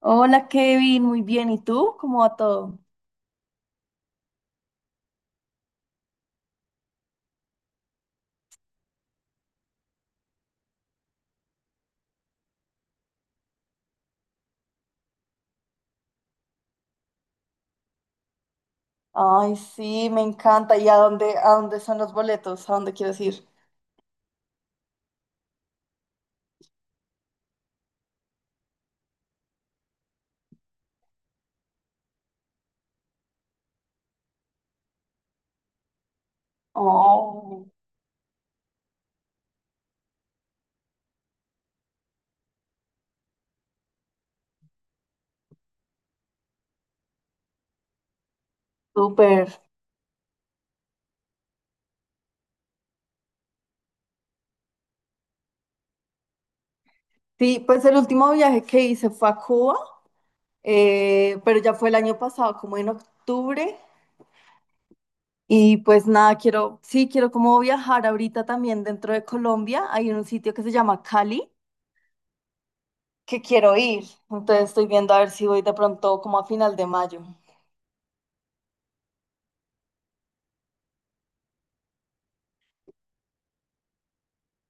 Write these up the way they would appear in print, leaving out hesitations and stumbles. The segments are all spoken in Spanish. Hola Kevin, muy bien. ¿Y tú? ¿Cómo va todo? Ay, sí, me encanta. ¿Y a dónde son los boletos? ¿A dónde quieres ir? Oh, súper. Sí, pues el último viaje que hice fue a Cuba, pero ya fue el año pasado, como en octubre. Y pues nada, quiero, sí, quiero como viajar ahorita también dentro de Colombia. Hay un sitio que se llama Cali. Que quiero ir. Entonces estoy viendo a ver si voy de pronto como a final de mayo.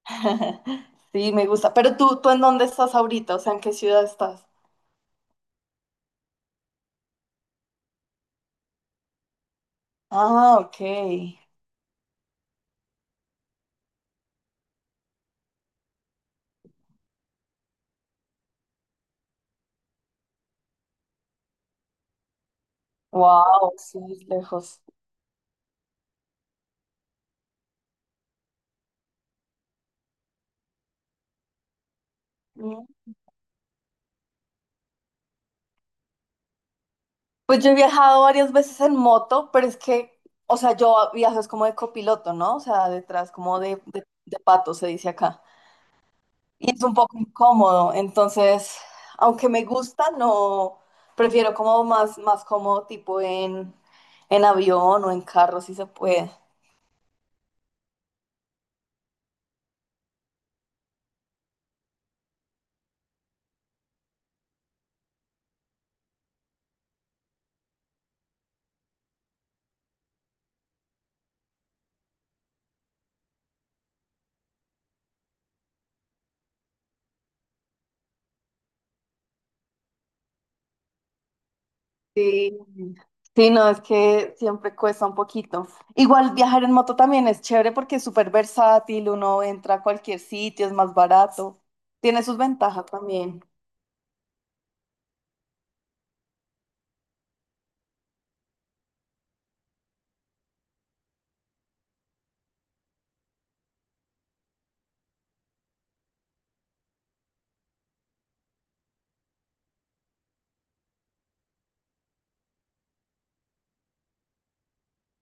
Sí, me gusta. Pero tú, ¿tú en dónde estás ahorita? O sea, ¿en qué ciudad estás? Ah, ok. Wow, sí, es lejos. Mm. Pues yo he viajado varias veces en moto, pero es que, o sea, yo viajo es como de copiloto, ¿no? O sea, detrás, como de, de pato, se dice acá. Y es un poco incómodo, entonces, aunque me gusta, no, prefiero como más, más cómodo, tipo en avión o en carro, si se puede. Sí. Sí, no, es que siempre cuesta un poquito. Igual viajar en moto también es chévere porque es súper versátil, uno entra a cualquier sitio, es más barato. Tiene sus ventajas también.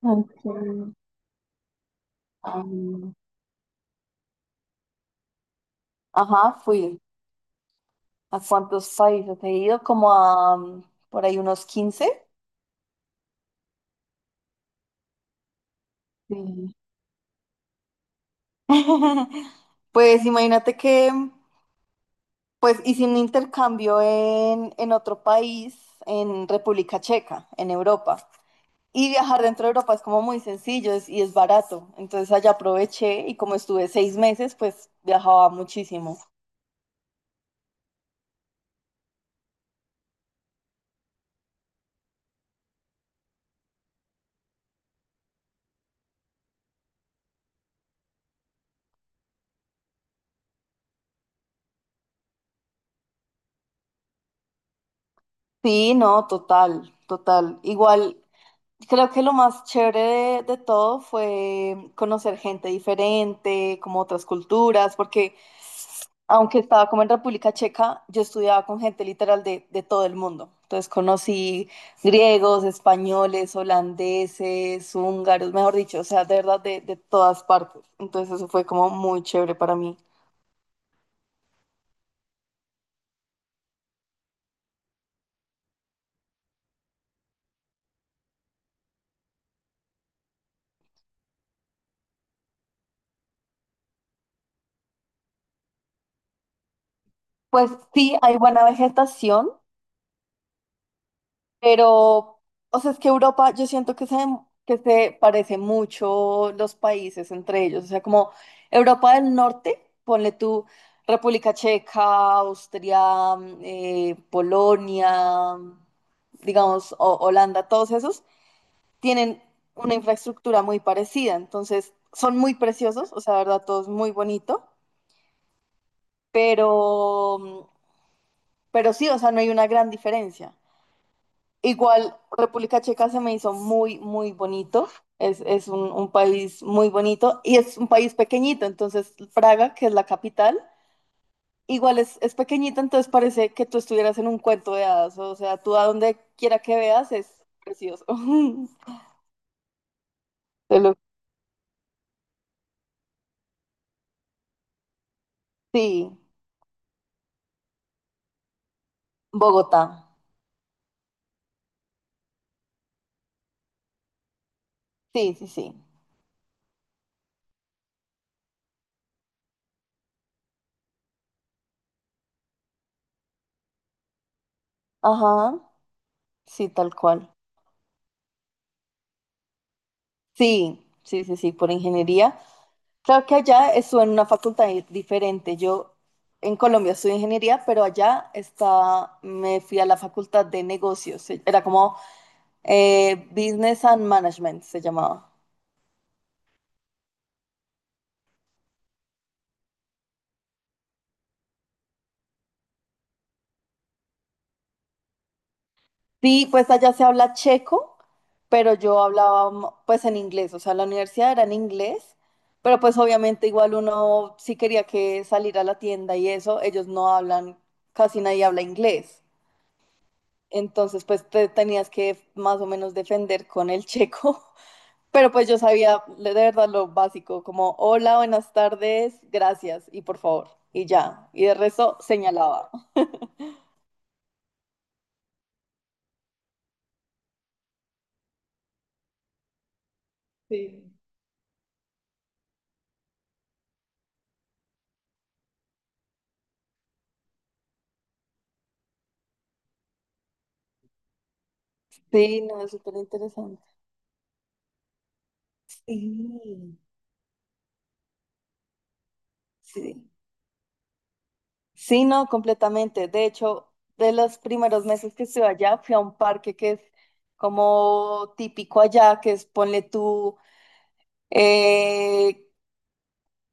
Ok. Am, ajá, fui. ¿A cuántos países he ido? Como a por ahí unos 15. Sí. Pues imagínate que pues hice un intercambio en otro país, en República Checa, en Europa. Y viajar dentro de Europa es como muy sencillo es- y es barato. Entonces allá aproveché y como estuve 6 meses, pues viajaba muchísimo. Sí, no, total, total. Igual, creo que lo más chévere de todo fue conocer gente diferente, como otras culturas, porque aunque estaba como en República Checa, yo estudiaba con gente literal de todo el mundo. Entonces conocí griegos, españoles, holandeses, húngaros, mejor dicho, o sea, de verdad de todas partes. Entonces eso fue como muy chévere para mí. Pues sí, hay buena vegetación. Pero, o sea, es que Europa, yo siento que se parece mucho los países entre ellos. O sea, como Europa del Norte, ponle tú República Checa, Austria, Polonia, digamos, o- Holanda, todos esos tienen una infraestructura muy parecida. Entonces, son muy preciosos, o sea, la verdad, todo es muy bonito, pero, pero sí, o sea, no hay una gran diferencia. Igual, República Checa se me hizo muy, muy bonito. Es un país muy bonito y es un país pequeñito. Entonces, Praga, que es la capital, igual es pequeñito, entonces parece que tú estuvieras en un cuento de hadas. O sea, tú a donde quiera que veas es precioso. Te lo- Sí, Bogotá. Sí, sí, sí. Ajá, sí, tal cual. Sí, sí, sí, sí, por ingeniería. Claro que allá estuve en una facultad di- diferente. Yo en Colombia estudié ingeniería, pero allá está, me fui a la facultad de negocios. Se- Era como Business and Management se llamaba. Sí, pues allá se habla checo, pero yo hablaba pues en inglés. O sea, la universidad era en inglés, pero pues obviamente igual uno sí quería que salir a la tienda y eso, ellos no hablan, casi nadie habla inglés. Entonces pues te tenías que más o menos defender con el checo. Pero pues yo sabía de verdad lo básico, como hola, buenas tardes, gracias y por favor, y ya. Y de resto señalaba. Sí. Sí, no, es súper interesante. Sí. Sí. Sí, no, completamente. De hecho, de los primeros meses que estuve allá, fui a un parque que es como típico allá, que es ponle tú, eh,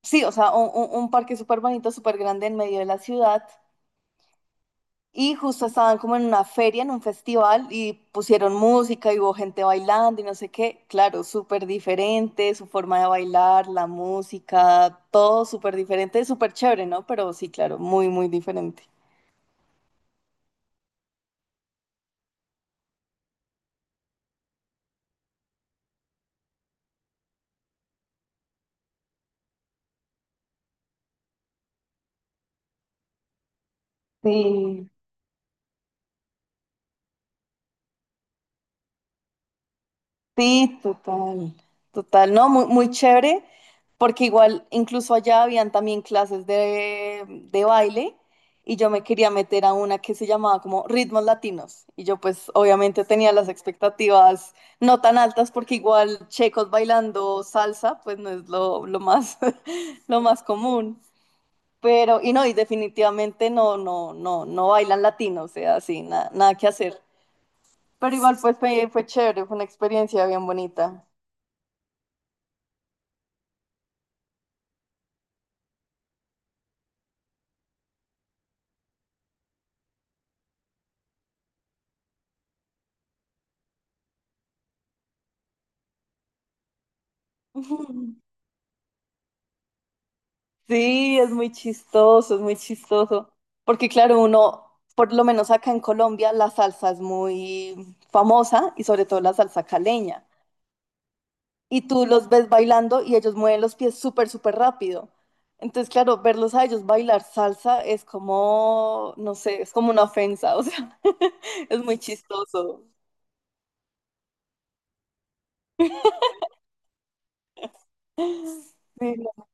sí, o sea, un parque súper bonito, súper grande en medio de la ciudad. Y justo estaban como en una feria, en un festival, y pusieron música y hubo gente bailando y no sé qué. Claro, súper diferente, su forma de bailar, la música, todo súper diferente, súper chévere, ¿no? Pero sí, claro, muy, muy diferente. Sí. Sí, total, total, no, muy, muy chévere, porque igual incluso allá habían también clases de baile y yo me quería meter a una que se llamaba como Ritmos Latinos y yo pues obviamente tenía las expectativas no tan altas porque igual checos bailando salsa pues no es lo más, lo más común, pero y no, y definitivamente no, no, no, no bailan latinos, o sea, sí, na- nada que hacer, pero igual pues fue, fue chévere, fue una experiencia bien bonita. Ujú. Sí, es muy chistoso, es muy chistoso. Porque claro, uno, por lo menos acá en Colombia, la salsa es muy famosa y sobre todo la salsa caleña. Y tú los ves bailando y ellos mueven los pies súper, súper rápido. Entonces, claro, verlos a ellos bailar salsa es como, no sé, es como una ofensa, o sea, es muy chistoso. Sí, no.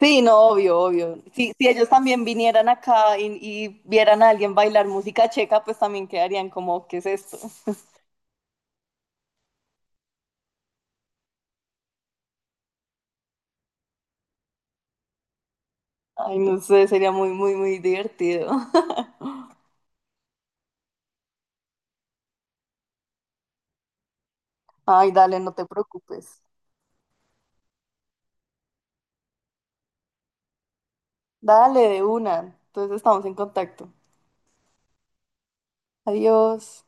Sí, no, obvio, obvio. Si, si ellos también vinieran acá y vieran a alguien bailar música checa, pues también quedarían como, ¿qué es esto? Ay, no sé, sería muy, muy, muy divertido. Ay, dale, no te preocupes. Dale, de una. Entonces estamos en contacto. Adiós.